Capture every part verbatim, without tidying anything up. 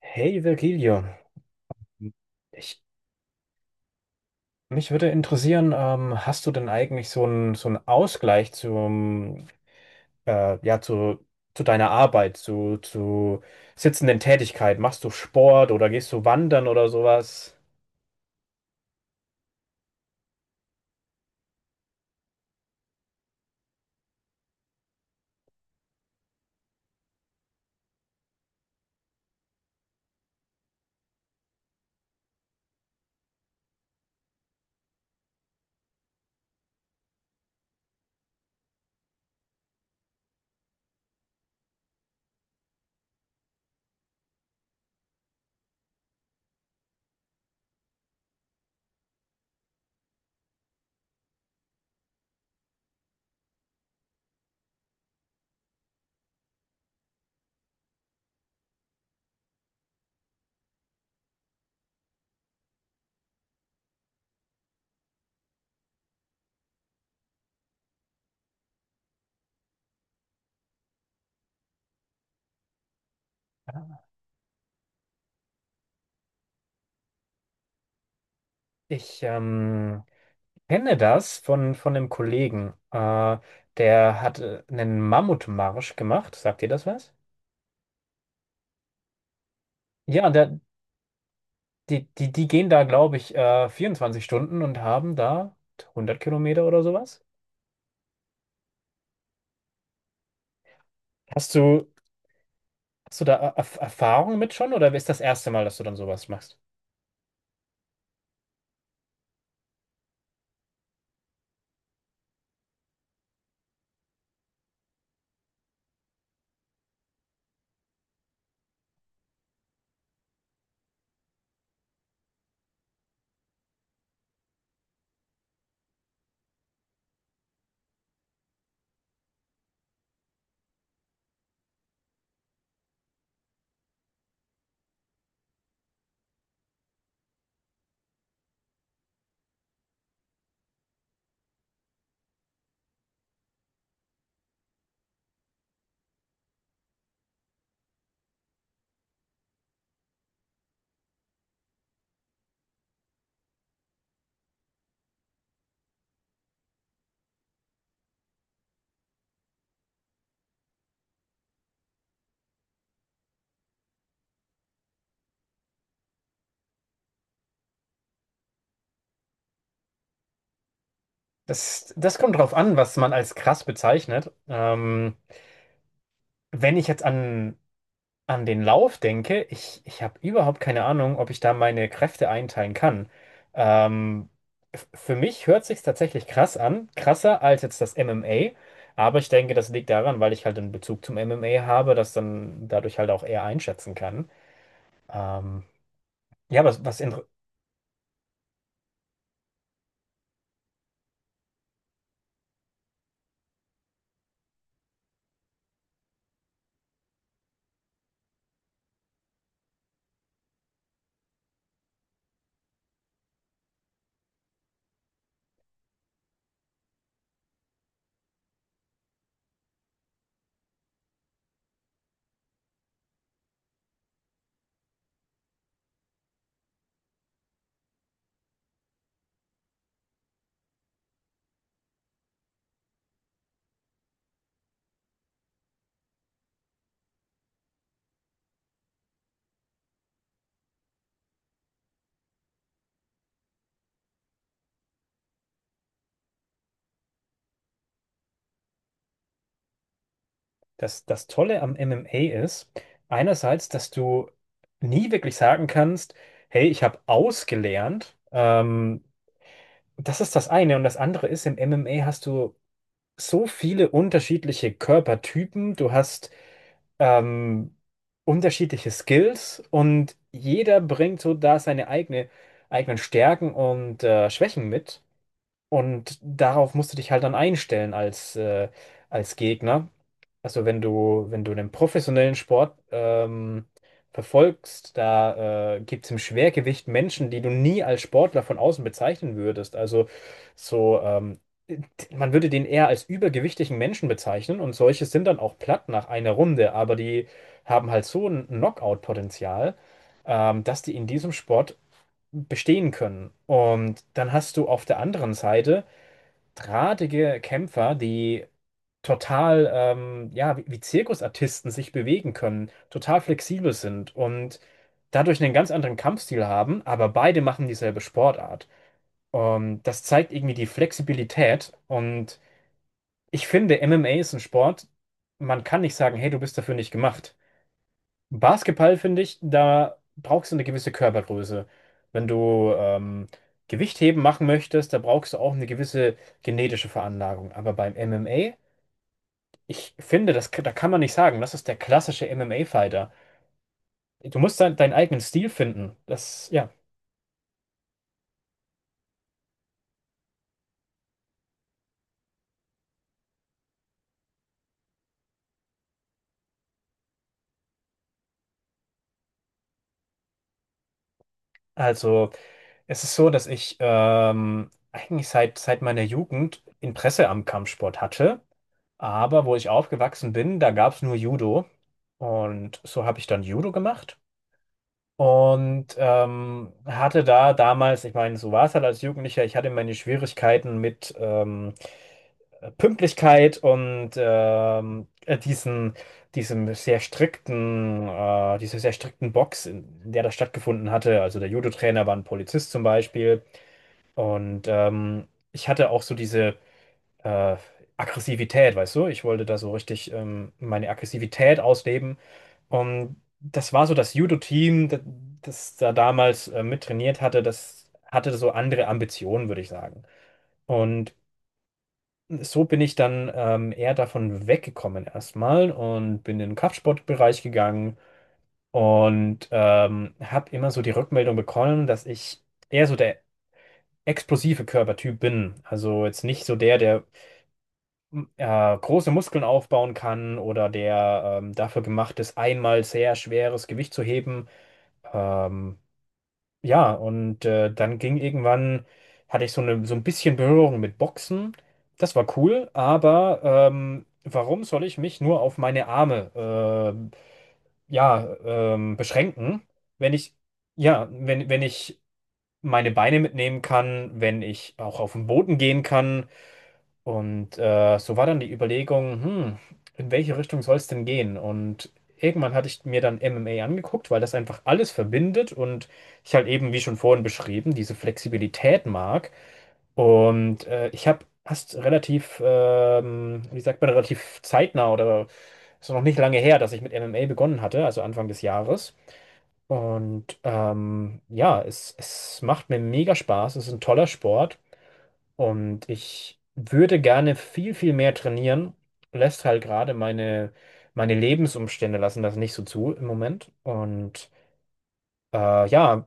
Hey Virgilio, ich, mich würde interessieren, ähm, hast du denn eigentlich so einen so einen Ausgleich zum, äh, ja, zu, zu deiner Arbeit, zu, zu sitzenden Tätigkeit? Machst du Sport oder gehst du wandern oder sowas? Ich ähm, kenne das von, von einem Kollegen, äh, der hat äh, einen Mammutmarsch gemacht. Sagt dir das was? Ja, der, die, die, die gehen da, glaube ich, äh, vierundzwanzig Stunden und haben da hundert Kilometer oder sowas. Hast du, hast du da Er- Erfahrung mit schon oder ist das erste Mal, dass du dann sowas machst? Das, das kommt drauf an, was man als krass bezeichnet. Ähm, wenn ich jetzt an, an den Lauf denke, ich, ich habe überhaupt keine Ahnung, ob ich da meine Kräfte einteilen kann. Ähm, f- für mich hört sich tatsächlich krass an, krasser als jetzt das M M A. Aber ich denke, das liegt daran, weil ich halt einen Bezug zum M M A habe, das dann dadurch halt auch eher einschätzen kann. Ähm, ja, was, was, Das, das Tolle am M M A ist, einerseits, dass du nie wirklich sagen kannst, hey, ich habe ausgelernt. Ähm, das ist das eine. Und das andere ist, im M M A hast du so viele unterschiedliche Körpertypen. Du hast ähm, unterschiedliche Skills und jeder bringt so da seine eigene, eigenen Stärken und äh, Schwächen mit. Und darauf musst du dich halt dann einstellen als, äh, als Gegner. Also wenn du, wenn du einen professionellen Sport ähm, verfolgst, da äh, gibt es im Schwergewicht Menschen, die du nie als Sportler von außen bezeichnen würdest. Also so, ähm, Man würde den eher als übergewichtigen Menschen bezeichnen und solche sind dann auch platt nach einer Runde, aber die haben halt so ein Knockout-Potenzial, ähm, dass die in diesem Sport bestehen können. Und dann hast du auf der anderen Seite drahtige Kämpfer, die total, ähm, ja, wie, wie Zirkusartisten sich bewegen können, total flexibel sind und dadurch einen ganz anderen Kampfstil haben, aber beide machen dieselbe Sportart. Und das zeigt irgendwie die Flexibilität und ich finde, M M A ist ein Sport, man kann nicht sagen, hey, du bist dafür nicht gemacht. Basketball, finde ich, da brauchst du eine gewisse Körpergröße. Wenn du ähm, Gewichtheben machen möchtest, da brauchst du auch eine gewisse genetische Veranlagung. Aber beim M M A ich finde, das, da kann man nicht sagen, das ist der klassische M M A-Fighter. Du musst dein, deinen eigenen Stil finden. Das, ja. Also, es ist so, dass ich ähm, eigentlich seit, seit meiner Jugend Interesse am Kampfsport hatte. Aber wo ich aufgewachsen bin, da gab es nur Judo. Und so habe ich dann Judo gemacht. Und ähm, hatte da damals, ich meine, so war es halt als Jugendlicher, ich hatte meine Schwierigkeiten mit ähm, äh, Pünktlichkeit und ähm, äh, diesen, diesem sehr strikten, äh, dieser sehr strikten Box, in, in der das stattgefunden hatte. Also der Judo-Trainer war ein Polizist zum Beispiel. Und ähm, ich hatte auch so diese äh, Aggressivität, weißt du? Ich wollte da so richtig ähm, meine Aggressivität ausleben. Und das war so das Judo-Team, das, das da damals äh, mittrainiert hatte, das hatte so andere Ambitionen, würde ich sagen. Und so bin ich dann ähm, eher davon weggekommen erstmal und bin in den Kraftsportbereich gegangen und ähm, habe immer so die Rückmeldung bekommen, dass ich eher so der explosive Körpertyp bin. Also jetzt nicht so der, der m- äh, große Muskeln aufbauen kann oder der ähm, dafür gemacht ist, einmal sehr schweres Gewicht zu heben. Ähm, ja, und äh, Dann ging irgendwann, hatte ich so eine, so ein bisschen Berührung mit Boxen. Das war cool, aber ähm, warum soll ich mich nur auf meine Arme ähm, ja, ähm, beschränken, wenn ich, ja, wenn, wenn ich meine Beine mitnehmen kann, wenn ich auch auf den Boden gehen kann? Und äh, so war dann die Überlegung, hm, in welche Richtung soll es denn gehen? Und irgendwann hatte ich mir dann M M A angeguckt, weil das einfach alles verbindet und ich halt eben, wie schon vorhin beschrieben, diese Flexibilität mag. Und äh, ich habe erst relativ, ähm, wie sagt man, relativ zeitnah oder ist noch nicht lange her, dass ich mit M M A begonnen hatte, also Anfang des Jahres. Und ähm, ja, es, es macht mir mega Spaß, es ist ein toller Sport. Und ich würde gerne viel, viel mehr trainieren, lässt halt gerade meine, meine Lebensumstände lassen das nicht so zu im Moment. Und äh, ja,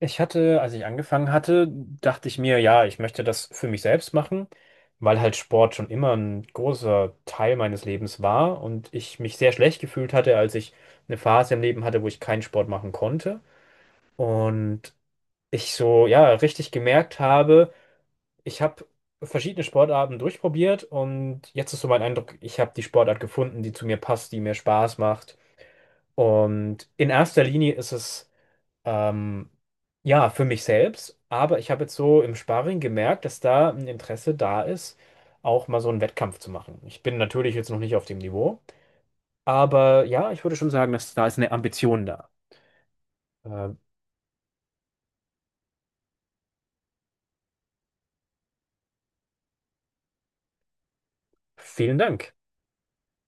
ich hatte, als ich angefangen hatte, dachte ich mir, ja, ich möchte das für mich selbst machen, weil halt Sport schon immer ein großer Teil meines Lebens war und ich mich sehr schlecht gefühlt hatte, als ich eine Phase im Leben hatte, wo ich keinen Sport machen konnte. Und ich so, ja, richtig gemerkt habe, ich habe verschiedene Sportarten durchprobiert und jetzt ist so mein Eindruck, ich habe die Sportart gefunden, die zu mir passt, die mir Spaß macht. Und in erster Linie ist es ähm, ja für mich selbst, aber ich habe jetzt so im Sparring gemerkt, dass da ein Interesse da ist, auch mal so einen Wettkampf zu machen. Ich bin natürlich jetzt noch nicht auf dem Niveau, aber ja, ich würde schon sagen, dass da ist eine Ambition da. Äh, Vielen Dank.